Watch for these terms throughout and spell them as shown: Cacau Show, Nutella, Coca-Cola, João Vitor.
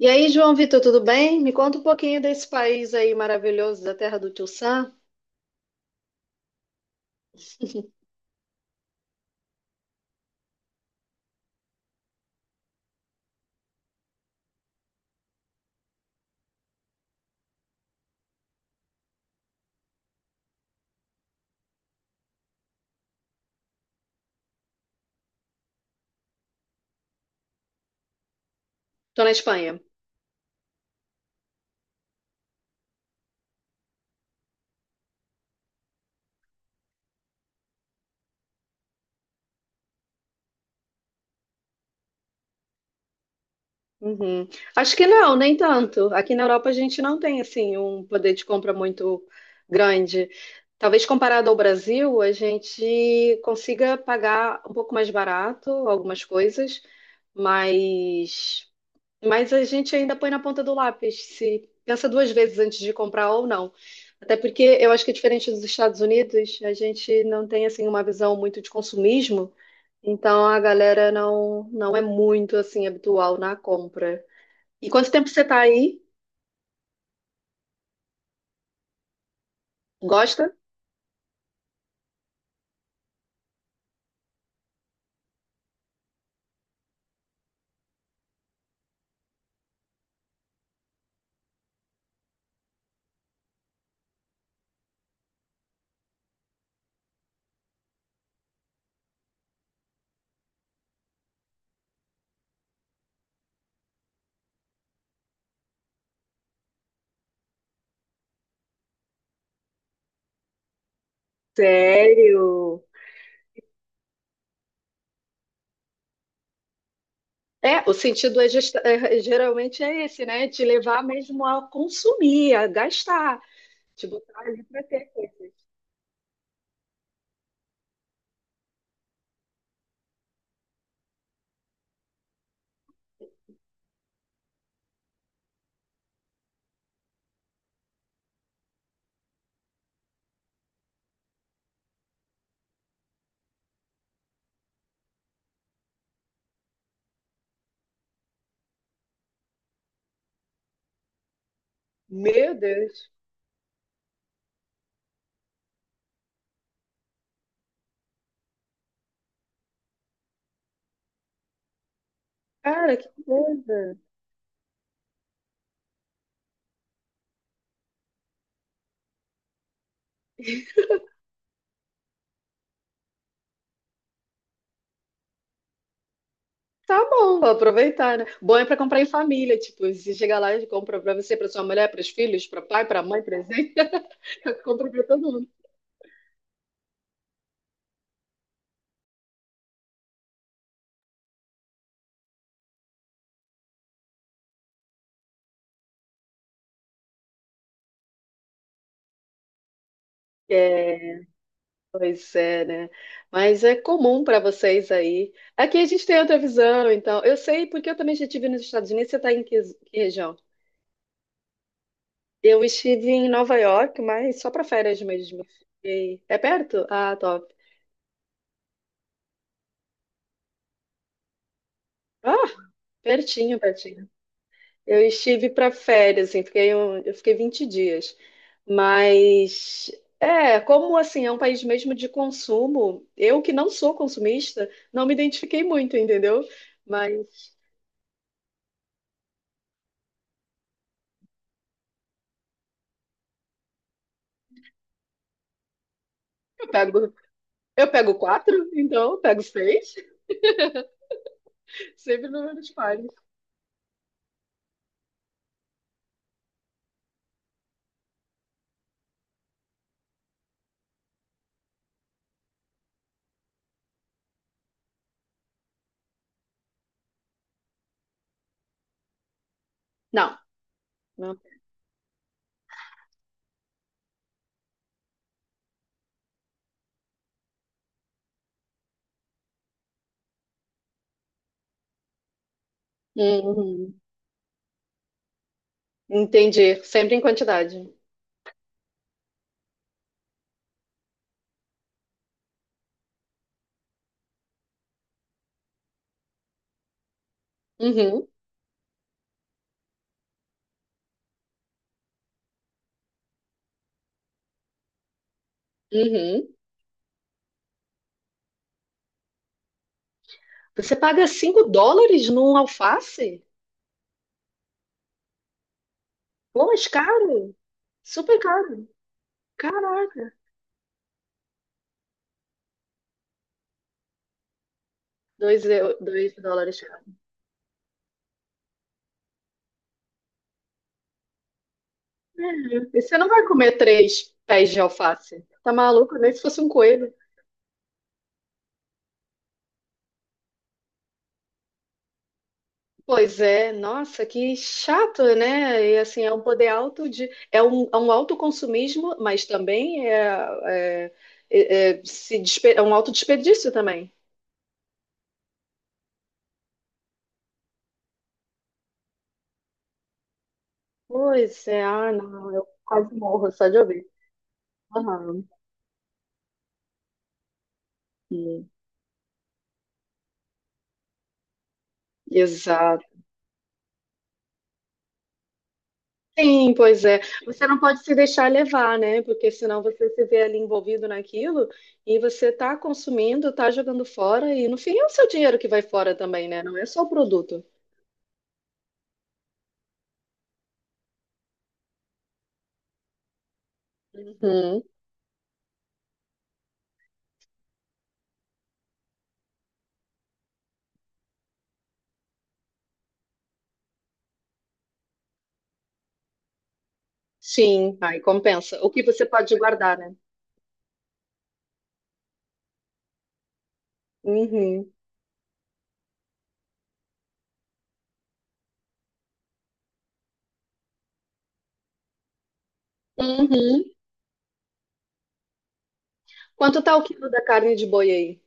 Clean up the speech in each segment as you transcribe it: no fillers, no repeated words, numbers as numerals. E aí, João Vitor, tudo bem? Me conta um pouquinho desse país aí maravilhoso, da terra do Tio Sam. Tô na Espanha. Uhum. Acho que não, nem tanto. Aqui na Europa a gente não tem assim um poder de compra muito grande. Talvez comparado ao Brasil, a gente consiga pagar um pouco mais barato algumas coisas, mas Mas a gente ainda põe na ponta do lápis, se pensa duas vezes antes de comprar ou não. Até porque eu acho que, diferente dos Estados Unidos, a gente não tem assim uma visão muito de consumismo, então a galera não é muito assim habitual na compra. E quanto tempo você tá aí? Gosta? Sério? É, o sentido é, geralmente é esse, né? Te levar mesmo a consumir, a gastar, te botar ali pra ter coisas. Meu Deus! Cara, que coisa! Tá bom, vou aproveitar, né? Bom é pra comprar em família, tipo, se chegar lá e compra pra você, pra sua mulher, pros filhos, pra pai, pra mãe, presente, compra pra todo mundo. É, pois é, né? Mas é comum pra vocês aí. Aqui a gente tem outra visão, então. Eu sei porque eu também já estive nos Estados Unidos. Você tá em que região? Eu estive em Nova York, mas só pra férias mesmo. É perto? Ah, top. Ah, pertinho, pertinho. Eu estive para férias, assim, eu fiquei 20 dias. Mas é, como assim, é um país mesmo de consumo, eu que não sou consumista, não me identifiquei muito, entendeu? Mas eu pego, eu pego quatro, então eu pego seis, sempre números pares. Não, não. Uhum. Entendi, sempre em quantidade. Uhum, uhum. Você paga US$ 5 num alface? Pô, mas caro, super caro. Caraca. US$ 2. Cara. É, e você não vai comer três pés de alface. Tá maluco? Nem se fosse um coelho. Pois é, nossa, que chato, né? E assim, é um poder alto de. É um autoconsumismo, mas também é, é, é, é, se despe- é um autodesperdício também. Pois é, ah, não, eu quase morro só de ouvir. Aham. Hum, exato. Sim, pois é. Você não pode se deixar levar, né? Porque senão você se vê ali envolvido naquilo e você tá consumindo, tá jogando fora e no fim é o seu dinheiro que vai fora também, né? Não é só o produto. Uhum. Sim, aí compensa. O que você pode guardar, né? Uhum. Uhum. Quanto tá o quilo da carne de boi aí?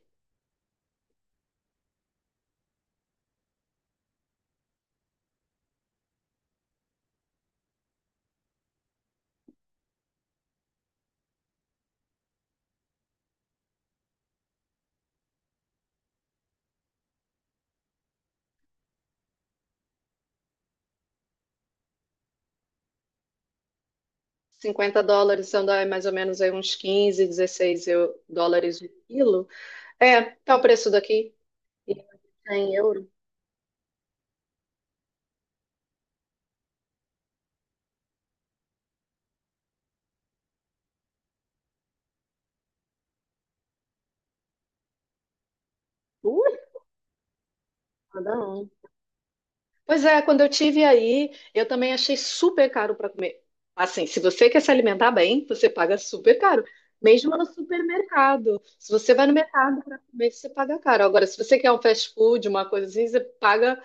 US$ 50, são dá mais ou menos aí uns 15 16 dólares o quilo. É, tá o preço daqui. E € 100. Uh, cada um. Pois é, quando eu tive aí, eu também achei super caro para comer. Assim, se você quer se alimentar bem, você paga super caro, mesmo no supermercado. Se você vai no mercado para comer, você paga caro. Agora, se você quer um fast food, uma coisa assim, você paga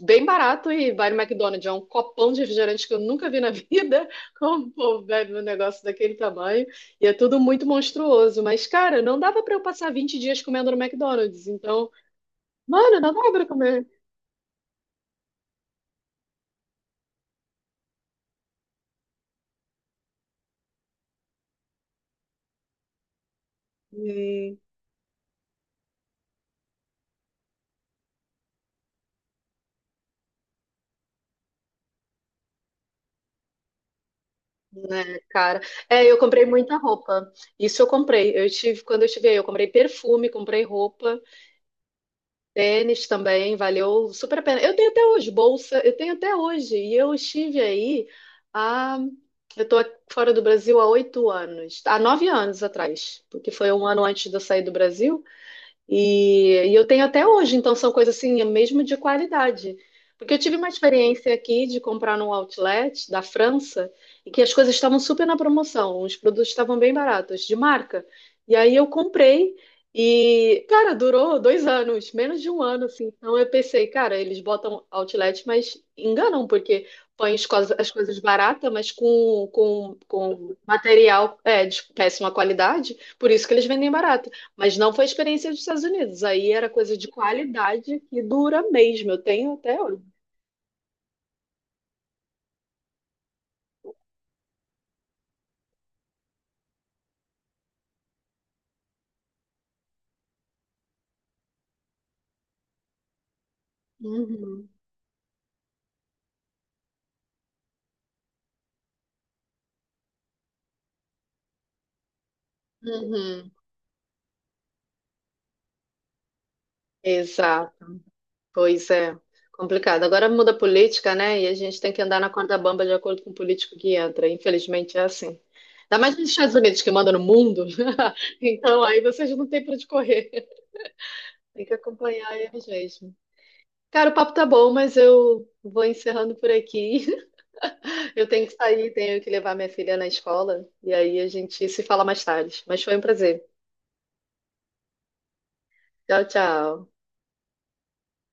bem barato e vai no McDonald's. É um copão de refrigerante que eu nunca vi na vida. Como o povo bebe um negócio daquele tamanho? E é tudo muito monstruoso. Mas, cara, não dava para eu passar 20 dias comendo no McDonald's. Então, mano, não dava para comer. Né, cara? É, eu comprei muita roupa. Isso eu comprei. Eu tive, quando eu estive aí, eu comprei perfume, comprei roupa, tênis também, valeu super a pena. Eu tenho até hoje bolsa, eu tenho até hoje. E eu estive aí há, eu tô fora do Brasil há 8 anos, há 9 anos atrás, porque foi um ano antes de eu sair do Brasil. E eu tenho até hoje, então são coisas assim, mesmo de qualidade. Porque eu tive uma experiência aqui de comprar num outlet da França e que as coisas estavam super na promoção, os produtos estavam bem baratos, de marca. E aí eu comprei e, cara, durou 2 anos, menos de um ano, assim. Então eu pensei, cara, eles botam outlet, mas enganam, porque põem as coisas baratas, mas com material é, de péssima qualidade, por isso que eles vendem barato. Mas não foi a experiência dos Estados Unidos. Aí era coisa de qualidade que dura mesmo. Eu tenho até hoje. Uhum, uhum. Exato. Pois é. Complicado. Agora muda a política, né? E a gente tem que andar na corda bamba de acordo com o político que entra. Infelizmente é assim. Ainda mais nos Estados Unidos que manda no mundo. Então aí vocês não têm para onde correr. Tem que acompanhar eles mesmo. Cara, o papo tá bom, mas eu vou encerrando por aqui. Eu tenho que sair, tenho que levar minha filha na escola. E aí a gente se fala mais tarde. Mas foi um prazer. Tchau, tchau.